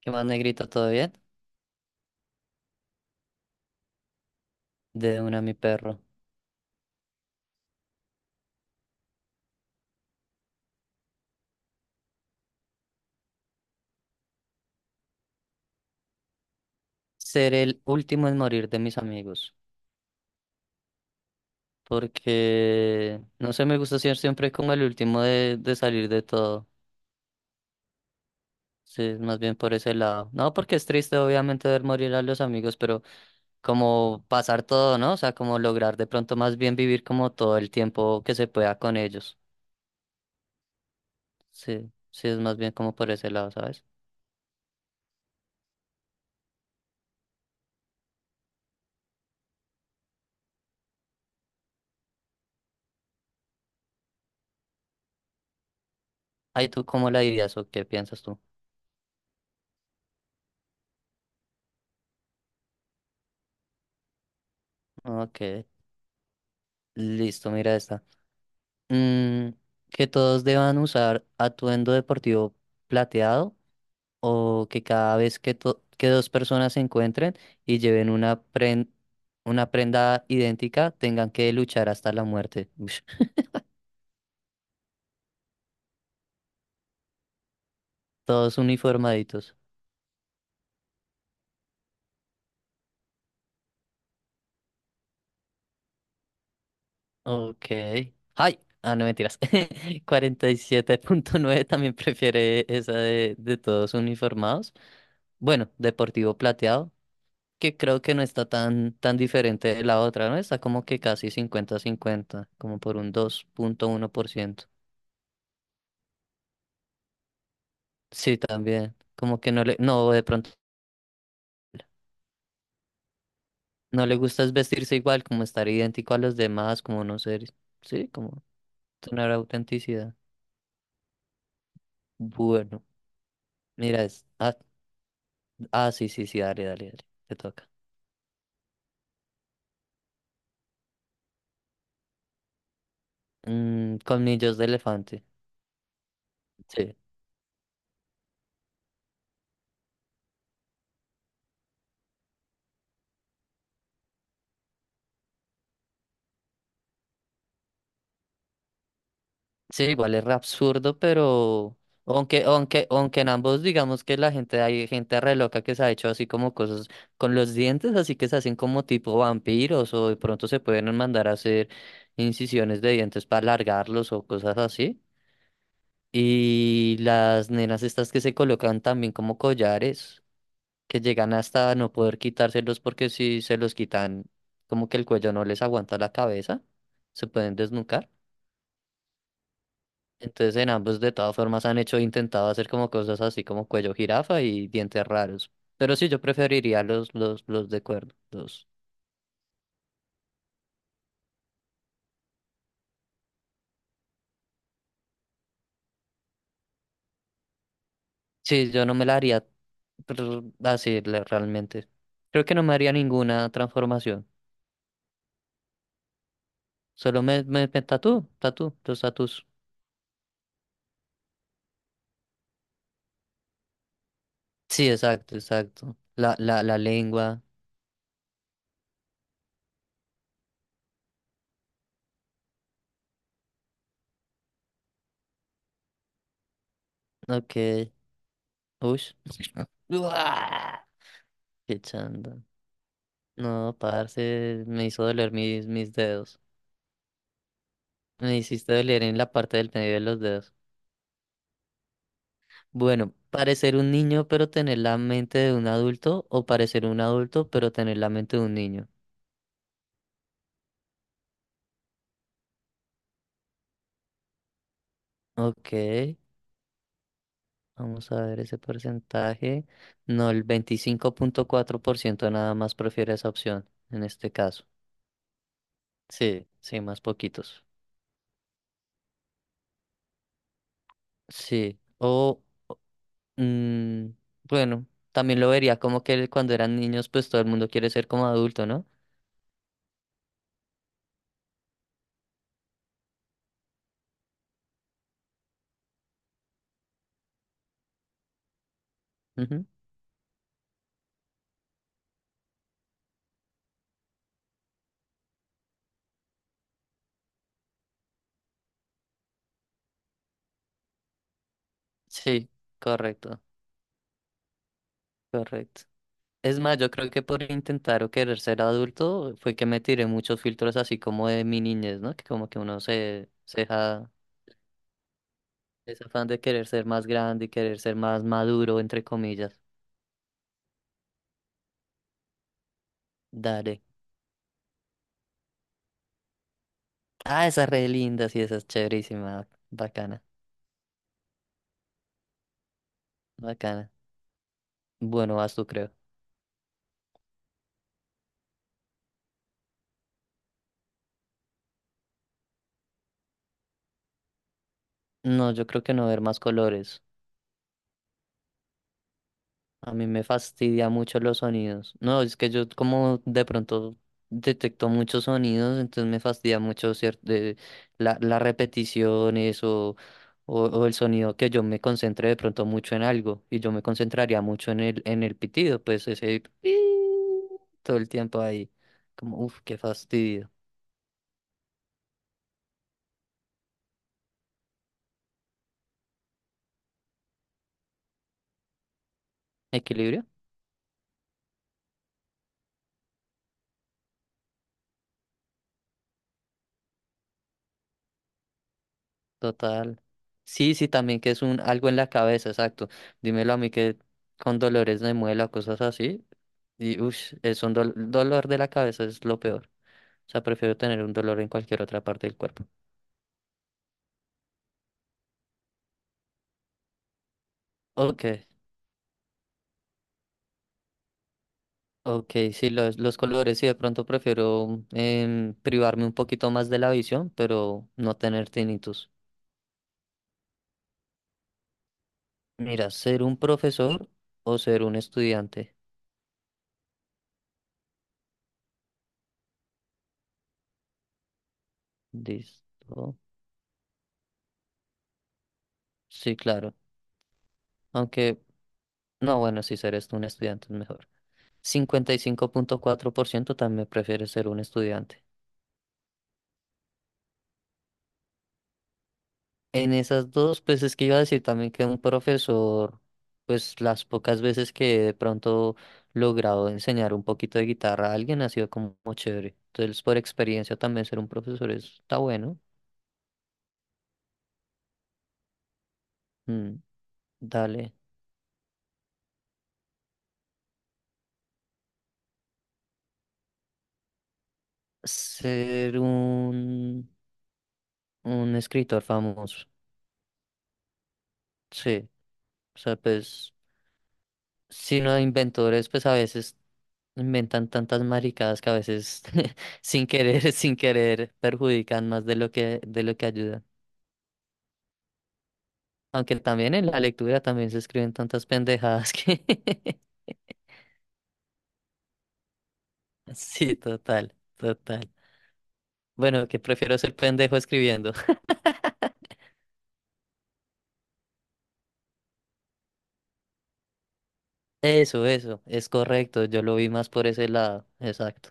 ¿Qué más, negrito? ¿Todo bien? De una, mi perro. Ser el último en morir de mis amigos. Porque, no sé, me gusta ser siempre como el último de salir de todo. Sí, más bien por ese lado. No, porque es triste, obviamente, ver morir a los amigos, pero como pasar todo, ¿no? O sea, como lograr de pronto más bien vivir como todo el tiempo que se pueda con ellos. Sí, sí, es más bien como por ese lado, ¿sabes? Ay, ¿tú cómo la dirías o qué piensas tú? Ok, listo, mira esta. Mm, que todos deban usar atuendo deportivo plateado o que cada vez que, que dos personas se encuentren y lleven una, una prenda idéntica tengan que luchar hasta la muerte. Ush, todos uniformaditos. Ok. ¡Ay! Ah, no mentiras. 47.9 también prefiere esa de todos uniformados. Bueno, deportivo plateado, que creo que no está tan diferente de la otra, ¿no? Está como que casi cincuenta cincuenta como por un 2,1%. Sí, también. Como que no no, de pronto no le gusta es vestirse igual, como estar idéntico a los demás, como no ser, sí, como tener autenticidad. Bueno, mira, sí, sí, sí, dale, dale, dale, te toca. Colmillos de elefante, sí. Sí, igual es re absurdo, pero aunque en ambos digamos que la gente, hay gente re loca que se ha hecho así como cosas con los dientes, así que se hacen como tipo vampiros, o de pronto se pueden mandar a hacer incisiones de dientes para alargarlos o cosas así. Y las nenas estas que se colocan también como collares, que llegan hasta no poder quitárselos porque si se los quitan, como que el cuello no les aguanta la cabeza, se pueden desnucar. Entonces en ambos de todas formas han hecho, intentado hacer como cosas así como cuello jirafa y dientes raros. Pero sí, yo preferiría los de cuerno. Los... Sí, yo no me la haría realmente. Creo que no me haría ninguna transformación. Solo me los tatús. Sí, exacto, exacto. La lengua. Ok. Uy. Qué chanda. No, parce, me hizo doler mis dedos. Me hiciste doler en la parte del medio de los dedos. Bueno, parecer un niño pero tener la mente de un adulto o parecer un adulto pero tener la mente de un niño. Ok, vamos a ver ese porcentaje. No, el 25,4% nada más prefiere esa opción en este caso. Sí, sí, más poquitos. Sí, o mm, bueno, también lo vería como que cuando eran niños pues todo el mundo quiere ser como adulto, ¿no? Ujú. Sí, correcto, correcto. Es más, yo creo que por intentar o querer ser adulto fue que me tiré muchos filtros así como de mi niñez, ¿no? Que como que uno se deja ese afán de querer ser más grande y querer ser más maduro, entre comillas. Dale. Ah, esa es re linda, sí, esa es chéverísima. Bacana, bacana. Bueno, vas tú, creo. No, yo creo que no ver más colores. A mí me fastidia mucho los sonidos. No, es que yo como de pronto detecto muchos sonidos, entonces me fastidia mucho cierto, las repeticiones o el sonido que yo me concentre de pronto mucho en algo y yo me concentraría mucho en en el pitido, pues todo el tiempo ahí, como, uff, qué fastidio. ¿Equilibrio? Total. Sí, sí, también que es un algo en la cabeza, exacto. Dímelo a mí que con dolores de muela, cosas así. Y uff, es un dolor de la cabeza es lo peor. O sea, prefiero tener un dolor en cualquier otra parte del cuerpo. Ok, ok, sí, los colores sí, de pronto prefiero privarme un poquito más de la visión, pero no tener tinnitus. Mira, ser un profesor o ser un estudiante. Listo. Sí, claro. Aunque, no, bueno, sí, ser esto un estudiante es mejor. 55,4% también prefiere ser un estudiante. En esas dos, pues es que iba a decir también que un profesor, pues las pocas veces que de pronto logrado enseñar un poquito de guitarra a alguien ha sido como chévere. Entonces, por experiencia también ser un profesor está bueno. Mm, dale. Ser un escritor famoso. Sí. O sea, pues sino no, inventores, pues a veces inventan tantas maricadas que a veces sin querer, perjudican más de lo que ayudan. Aunque también en la lectura también se escriben tantas pendejadas que... Sí, total, total. Bueno, que prefiero ser pendejo escribiendo. Es correcto. Yo lo vi más por ese lado. Exacto.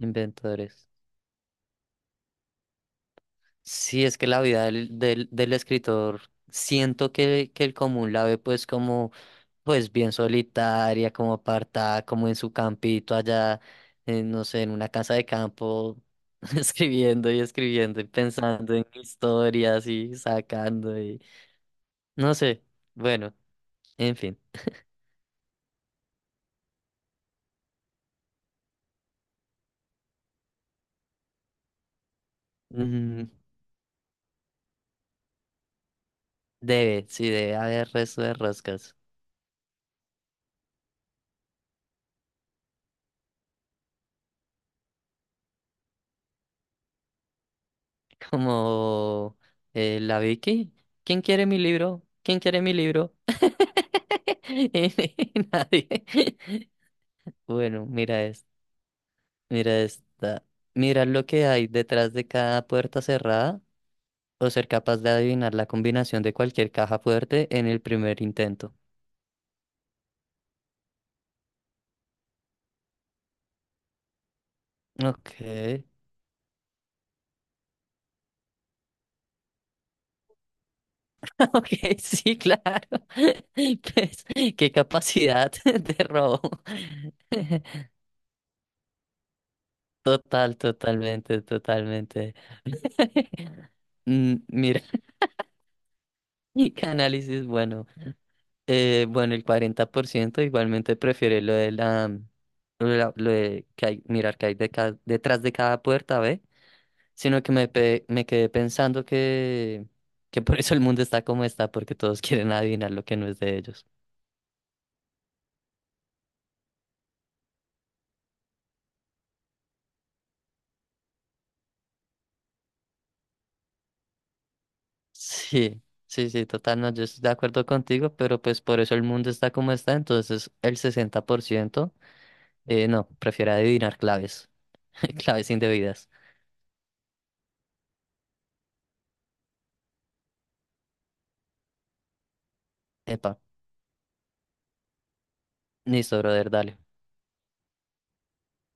Inventores. Sí, es que la vida del escritor, siento que el común la ve pues como... pues bien solitaria, como apartada, como en su campito allá, en, no sé, en una casa de campo, escribiendo y escribiendo y pensando en historias y sacando y no sé, bueno, en fin. Mm, debe, sí, debe haber resto de roscas. Como la Vicky, ¿quién quiere mi libro? ¿Quién quiere mi libro? Nadie. Bueno, mira esto. Mira esta. Mira lo que hay detrás de cada puerta cerrada o ser capaz de adivinar la combinación de cualquier caja fuerte en el primer intento. Ok, ok, sí, claro. Pues, qué capacidad de robo. Total, totalmente, totalmente. Mira, y qué análisis, bueno, bueno, el 40% igualmente prefiere lo de lo de que hay, mirar que hay de ca- detrás de cada puerta, ¿ve? Sino que me, pe- me quedé pensando que por eso el mundo está como está, porque todos quieren adivinar lo que no es de ellos. Sí, sí, sí, total, no, yo estoy de acuerdo contigo, pero pues por eso el mundo está como está, entonces el 60%, no, prefiere adivinar claves, claves indebidas. Epa, listo, brother, dale.